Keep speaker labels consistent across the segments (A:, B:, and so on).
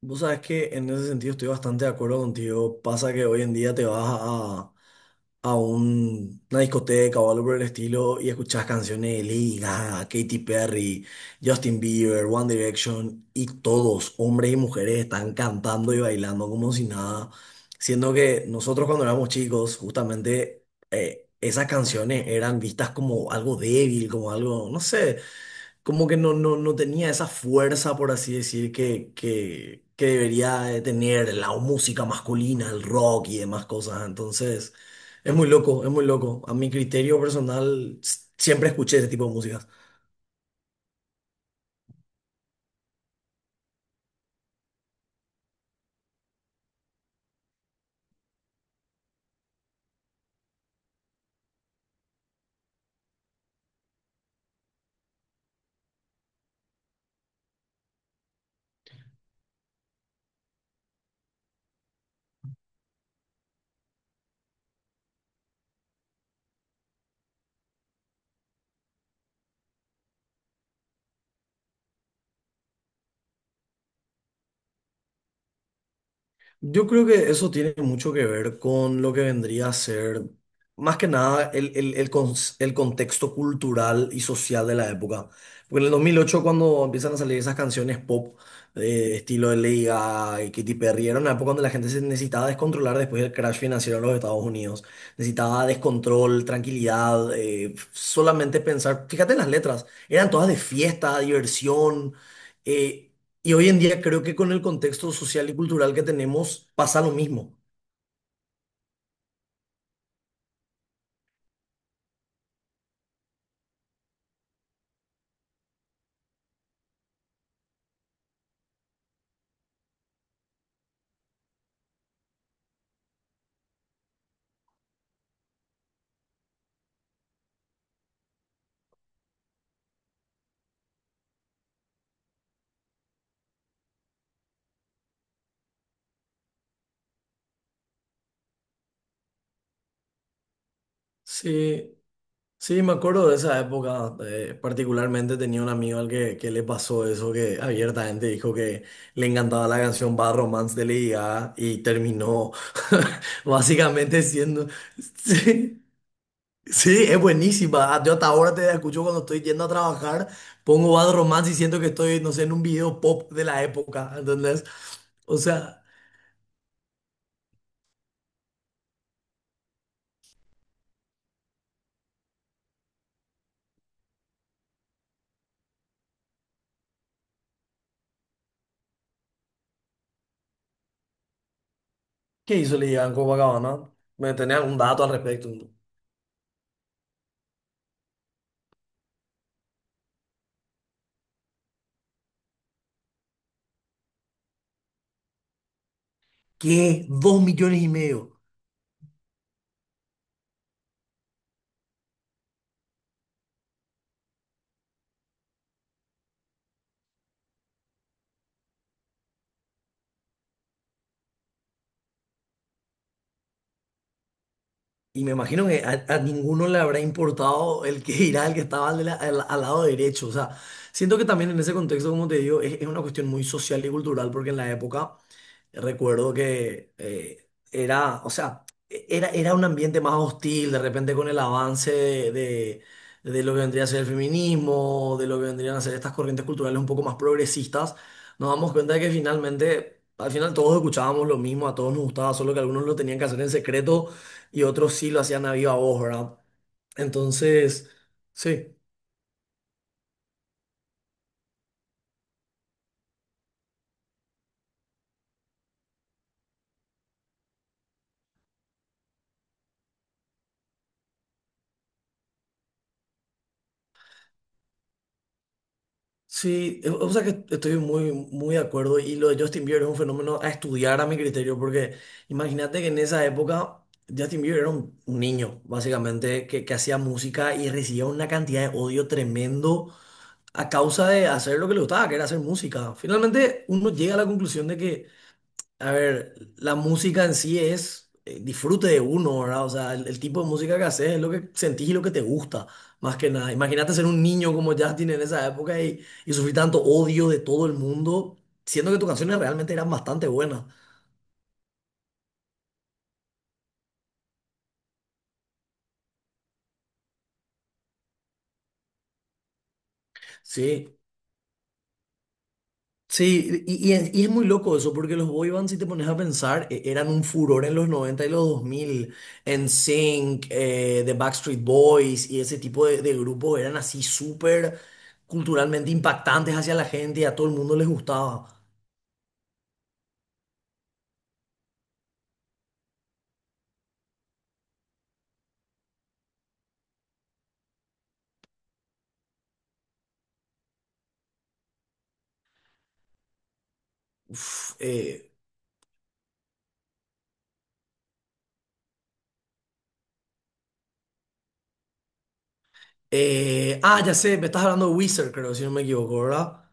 A: Vos sabés que en ese sentido estoy bastante de acuerdo contigo. Pasa que hoy en día te vas a una discoteca o algo por el estilo y escuchás canciones de Lady Gaga, Katy Perry, Justin Bieber, One Direction y todos, hombres y mujeres, están cantando y bailando como si nada. Siendo que nosotros cuando éramos chicos, justamente esas canciones eran vistas como algo débil, como algo, no sé, como que no tenía esa fuerza, por así decir, que debería de tener la música masculina, el rock y demás cosas. Entonces, es muy loco, es muy loco. A mi criterio personal, siempre escuché ese tipo de música. Yo creo que eso tiene mucho que ver con lo que vendría a ser, más que nada, el contexto cultural y social de la época. Porque en el 2008 cuando empiezan a salir esas canciones pop, estilo de Lady Gaga y Katy Perry, era una época donde la gente se necesitaba descontrolar después del crash financiero en los Estados Unidos. Necesitaba descontrol, tranquilidad, solamente pensar. Fíjate en las letras, eran todas de fiesta, diversión. eh, y hoy en día creo que con el contexto social y cultural que tenemos pasa lo mismo. Sí, sí, me acuerdo de esa época. Particularmente tenía un amigo al que le pasó eso, que abiertamente dijo que le encantaba la canción Bad Romance de Lady Gaga y terminó básicamente siendo... Sí, sí, es buenísima. Yo hasta ahora te escucho cuando estoy yendo a trabajar, pongo Bad Romance y siento que estoy, no sé, en un video pop de la época, ¿entendés? O sea... ¿Qué hizo Ligan Copacabana? ¿Me tenés algún dato al respecto? ¿Qué? Dos millones y medio. Y me imagino que a ninguno le habrá importado el que irá, el que estaba al al lado derecho. O sea, siento que también en ese contexto, como te digo, es una cuestión muy social y cultural, porque en la época recuerdo que era, o sea, era un ambiente más hostil, de repente con el avance de lo que vendría a ser el feminismo, de lo que vendrían a ser estas corrientes culturales un poco más progresistas, nos damos cuenta de que finalmente, al final todos escuchábamos lo mismo, a todos nos gustaba, solo que algunos lo tenían que hacer en secreto y otros sí lo hacían a viva voz, ¿verdad? Entonces, sí. Sí, o sea que estoy muy, muy de acuerdo y lo de Justin Bieber es un fenómeno a estudiar a mi criterio, porque imagínate que en esa época Justin Bieber era un niño, básicamente, que hacía música y recibía una cantidad de odio tremendo a causa de hacer lo que le gustaba, que era hacer música. Finalmente uno llega a la conclusión de que, a ver, la música en sí es, disfrute de uno, ¿verdad? O sea, el tipo de música que haces es lo que sentís y lo que te gusta, más que nada. Imagínate ser un niño como Justin en esa época y sufrir tanto odio de todo el mundo, siendo que tus canciones realmente eran bastante buenas. Sí, sí, y es muy loco eso, porque los boy bands, si te pones a pensar, eran un furor en los 90 y los dos mil. NSYNC, The Backstreet Boys y ese tipo de grupos eran así súper culturalmente impactantes hacia la gente y a todo el mundo les gustaba. Uf, eh, ya sé, me estás hablando de Wizard, creo, si no me equivoco, ¿verdad?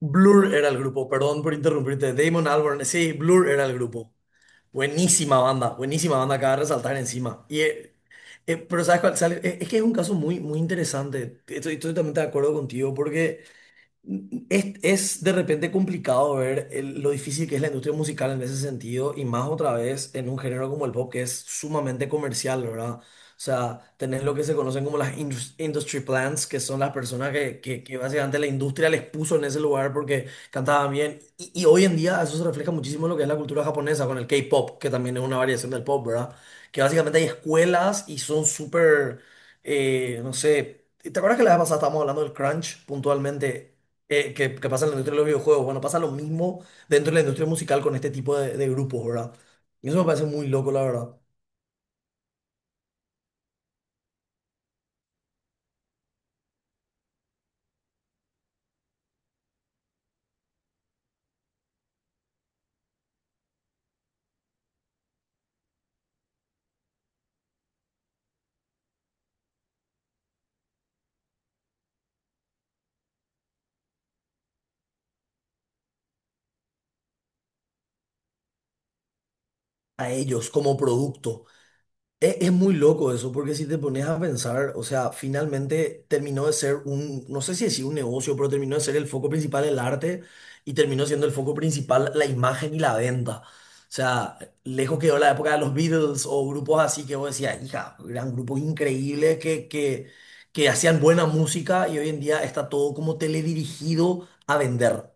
A: Blur era el grupo, perdón por interrumpirte. Damon Albarn, sí, Blur era el grupo. Buenísima banda, acaba de resaltar encima. Pero ¿sabes cuál? ¿Sabes? Es que es un caso muy, muy interesante. Estoy totalmente de acuerdo contigo porque... es de repente complicado ver lo difícil que es la industria musical en ese sentido y más otra vez en un género como el pop que es sumamente comercial, ¿verdad? O sea, tenés lo que se conocen como las industry plants, que son las personas que básicamente la industria les puso en ese lugar porque cantaban bien. Y hoy en día eso se refleja muchísimo en lo que es la cultura japonesa con el K-pop, que también es una variación del pop, ¿verdad? Que básicamente hay escuelas y son súper, no sé, ¿te acuerdas que la vez pasada estábamos hablando del crunch puntualmente? Que, que pasa en la industria de los videojuegos. Bueno, pasa lo mismo dentro de la industria musical con este tipo de grupos, ¿verdad? Y eso me parece muy loco, la verdad. A ellos como producto. Es muy loco eso, porque si te pones a pensar, o sea, finalmente terminó de ser un, no sé si decir un negocio, pero terminó de ser el foco principal el arte y terminó siendo el foco principal la imagen y la venta. O sea, lejos quedó la época de los Beatles o grupos así que vos decías, hija, eran grupos increíbles que hacían buena música y hoy en día está todo como teledirigido a vender.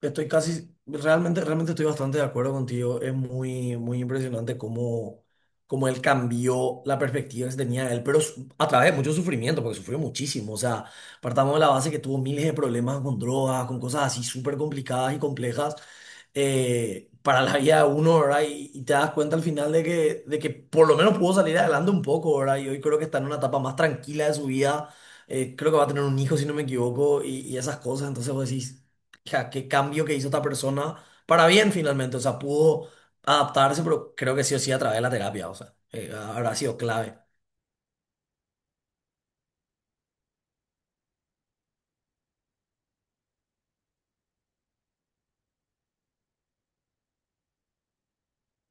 A: Estoy casi, realmente, realmente estoy bastante de acuerdo contigo. Es muy, muy impresionante cómo, cómo él cambió la perspectiva que se tenía de él, pero a través de mucho sufrimiento, porque sufrió muchísimo. O sea, partamos de la base que tuvo miles de problemas con drogas, con cosas así súper complicadas y complejas, para la vida de uno, ¿verdad? Y te das cuenta al final de que por lo menos pudo salir adelante un poco, ¿verdad? Y hoy creo que está en una etapa más tranquila de su vida. Creo que va a tener un hijo, si no me equivoco, y esas cosas. Entonces vos decís, sea, qué cambio que hizo esta persona para bien finalmente. O sea, pudo adaptarse, pero creo que sí o sí a través de la terapia. O sea, habrá sido clave.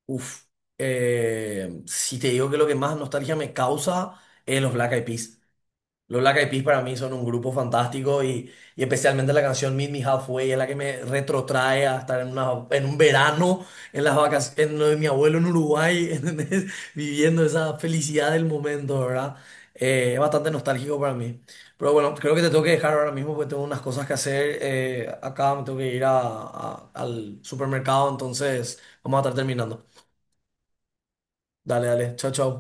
A: Uf. Si te digo que lo que más nostalgia me causa es los Black Eyed Peas. Los Black Eyed Peas para mí son un grupo fantástico y especialmente la canción Meet Me Halfway es la que me retrotrae a estar en, una, en un verano en las vacaciones en lo de mi abuelo en Uruguay, ¿entendés? Viviendo esa felicidad del momento, ¿verdad? Es bastante nostálgico para mí. Pero bueno, creo que te tengo que dejar ahora mismo porque tengo unas cosas que hacer. Acá me tengo que ir al supermercado, entonces vamos a estar terminando. Dale, dale, chao, chao.